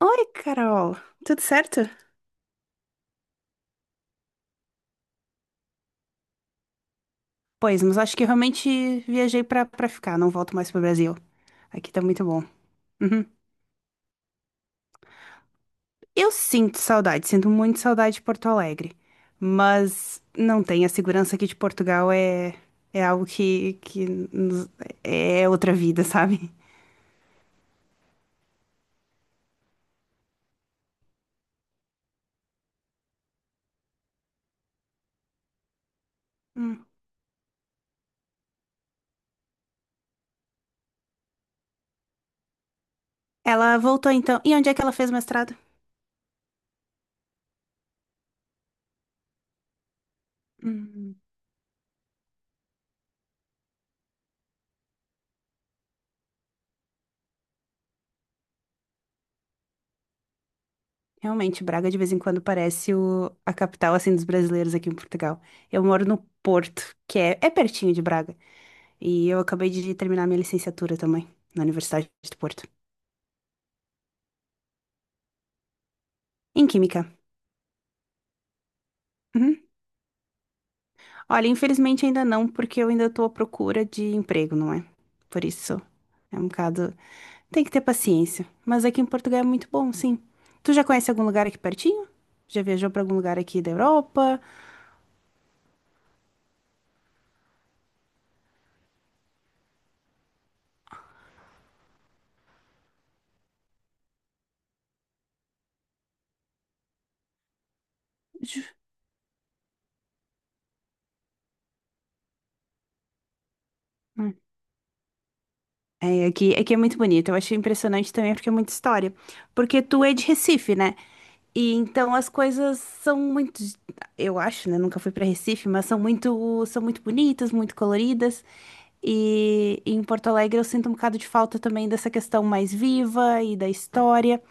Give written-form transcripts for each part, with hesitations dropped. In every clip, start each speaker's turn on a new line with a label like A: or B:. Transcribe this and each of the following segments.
A: Oi, Carol. Tudo certo? Pois, mas acho que eu realmente viajei pra ficar, não volto mais pro Brasil. Aqui tá muito bom. Uhum. Eu sinto saudade, sinto muito saudade de Porto Alegre, mas não tem. A segurança aqui de Portugal é algo que nos- é outra vida, sabe? Hum. Ela voltou então. E onde é que ela fez o mestrado? Hum, Realmente, Braga de vez em quando parece a capital assim dos brasileiros aqui em Portugal. Eu moro no Porto, é pertinho de Braga. E eu acabei de terminar minha licenciatura também, na Universidade de Porto, em Química. Uhum. Olha, infelizmente ainda não, porque eu ainda estou à procura de emprego, não é? Por isso é um bocado. Tem que ter paciência. Mas aqui em Portugal é muito bom, sim. Tu já conhece algum lugar aqui pertinho? Já viajou para algum lugar aqui da Europa? Aqui é muito bonito. Eu achei impressionante também porque é muita história. Porque tu é de Recife, né? E então as coisas são muito, eu acho, né? Nunca fui para Recife, mas são muito bonitas, muito coloridas. E em Porto Alegre eu sinto um bocado de falta também dessa questão mais viva e da história.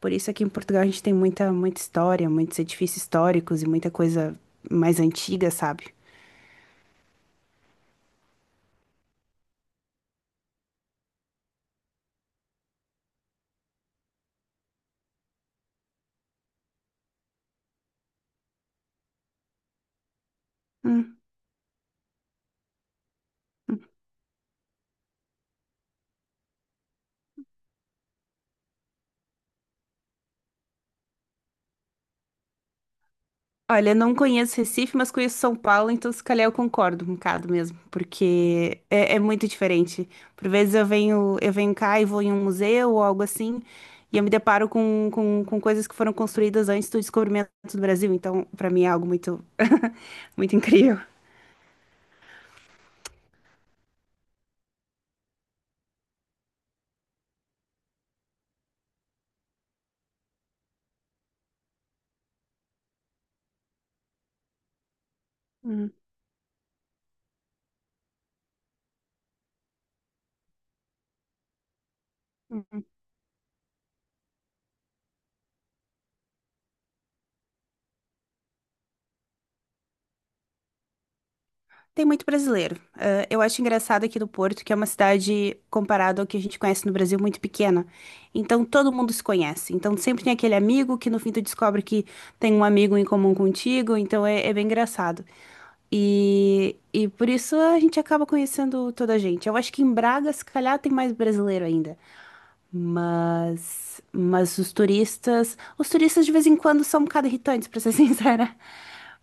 A: Por isso aqui em Portugal a gente tem muita, muita história, muitos edifícios históricos e muita coisa mais antiga, sabe? Hum. Olha, não conheço Recife, mas conheço São Paulo, então se calhar eu concordo um bocado mesmo, porque é muito diferente. Por vezes eu venho cá e vou em um museu ou algo assim, e eu me deparo com coisas que foram construídas antes do descobrimento do Brasil, então para mim é algo muito, muito incrível. Hum. Tem muito brasileiro. Ah, eu acho engraçado aqui do Porto, que é uma cidade, comparado ao que a gente conhece no Brasil, muito pequena. Então todo mundo se conhece. Então sempre tem aquele amigo que no fim tu descobre que tem um amigo em comum contigo. Então é bem engraçado. E por isso a gente acaba conhecendo toda a gente. Eu acho que em Braga, se calhar, tem mais brasileiro ainda. Mas os turistas de vez em quando são um bocado irritantes, para ser sincera,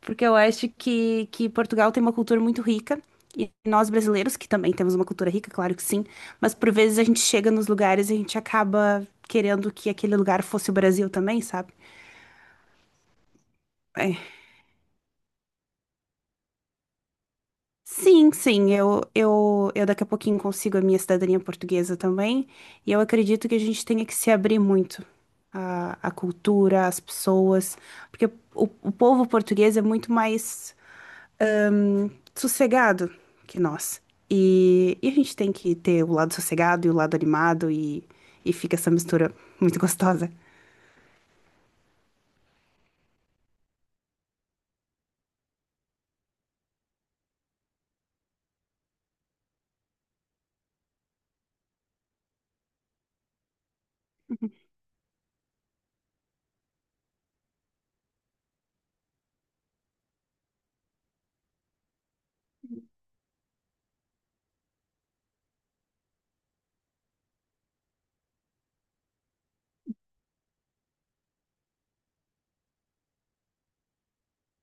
A: porque eu acho que Portugal tem uma cultura muito rica e nós brasileiros, que também temos uma cultura rica, claro que sim, mas por vezes a gente chega nos lugares e a gente acaba querendo que aquele lugar fosse o Brasil também, sabe? É, sim, sim, eu daqui a pouquinho consigo a minha cidadania portuguesa também, e eu acredito que a gente tenha que se abrir muito à cultura, às pessoas, porque o povo português é muito mais ahn, sossegado que nós, e a gente tem que ter o lado sossegado e o lado animado, e fica essa mistura muito gostosa.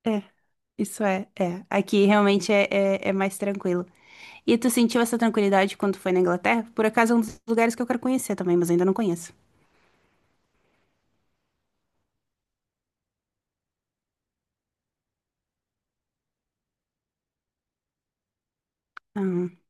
A: É, isso é. Aqui realmente é mais tranquilo. E tu sentiu essa tranquilidade quando foi na Inglaterra? Por acaso é um dos lugares que eu quero conhecer também, mas ainda não conheço. Ah,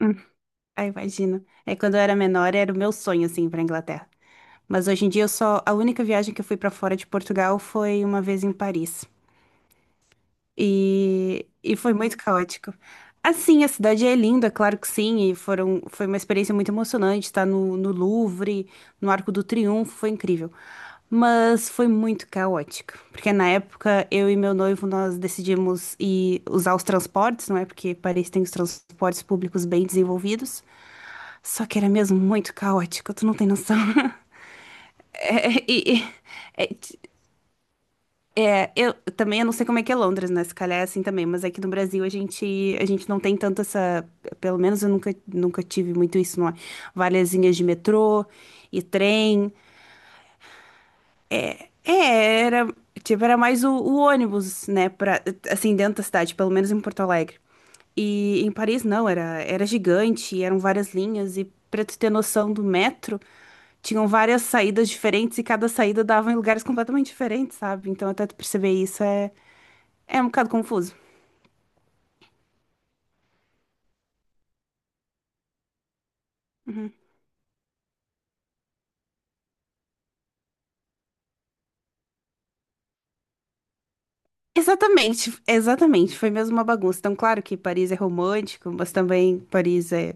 A: hum. Ah, imagino. É quando eu era menor, era o meu sonho, assim, ir pra Inglaterra. Mas hoje em dia eu só. A única viagem que eu fui pra fora de Portugal foi uma vez em Paris. E foi muito caótico. Assim, a cidade é linda, claro que sim, e foram, foi uma experiência muito emocionante estar no, no Louvre, no Arco do Triunfo, foi incrível. Mas foi muito caótico, porque na época eu e meu noivo nós decidimos ir usar os transportes, não é? Porque Paris tem os transportes públicos bem desenvolvidos. Só que era mesmo muito caótico, tu não tem noção. É, e- e- é, é, eu também, eu não sei como é que é Londres, né? Se calhar é assim também, mas aqui no Brasil a gente não tem tanto essa, pelo menos eu nunca, nunca tive muito isso, não é? Valezinhas de metrô e trem. É, era, tipo, era mais o ônibus, né, pra, assim, dentro da cidade, pelo menos em Porto Alegre. E em Paris não, era gigante, eram várias linhas e pra tu ter noção do metro, tinham várias saídas diferentes e cada saída dava em lugares completamente diferentes, sabe? Então até tu perceber isso é um bocado confuso. Exatamente, exatamente. Foi mesmo uma bagunça. Então, claro que Paris é romântico, mas também Paris é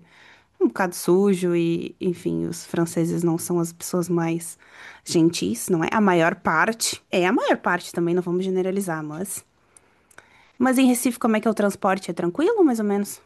A: um bocado sujo e, enfim, os franceses não são as pessoas mais gentis, não é? A maior parte. É, a maior parte também, não vamos generalizar, mas. Mas em Recife, como é que é o transporte? É tranquilo, mais ou menos?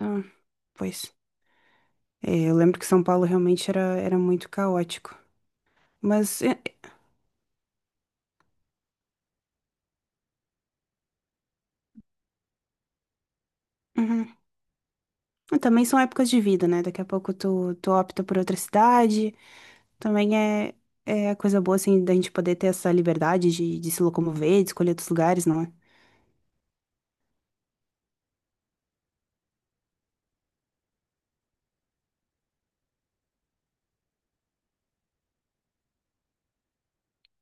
A: Ah, pois. É, eu lembro que São Paulo realmente era muito caótico. Mas. é, é, uhum. Também são épocas de vida, né? Daqui a pouco tu opta por outra cidade. Também é a coisa boa, assim, da gente poder ter essa liberdade de se locomover, de escolher outros lugares, não é?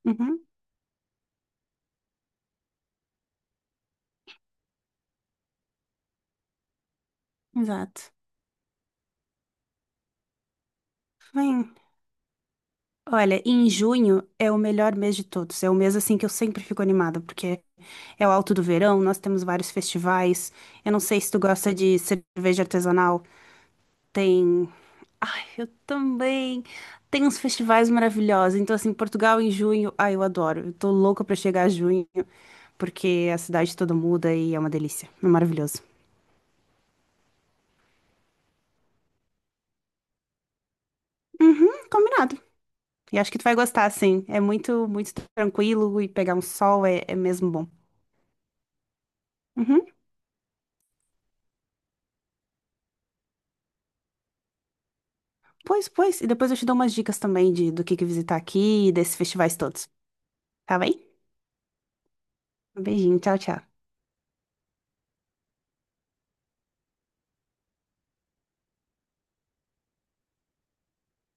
A: Uhum, exato. Bem, olha, em junho é o melhor mês de todos. É o mês, assim, que eu sempre fico animada, porque é o alto do verão, nós temos vários festivais. Eu não sei se tu gosta de cerveja artesanal, tem. Ai, eu também. Tem uns festivais maravilhosos. Então, assim, Portugal em junho, ai, eu adoro. Eu tô louca pra chegar a junho, porque a cidade toda muda e é uma delícia. É maravilhoso. Uhum, combinado. E acho que tu vai gostar, sim. É muito, muito tranquilo e pegar um sol é mesmo bom. Uhum. Pois, pois. E depois eu te dou umas dicas também de, do que visitar aqui e desses festivais todos. Tá bem? Um beijinho, tchau, tchau.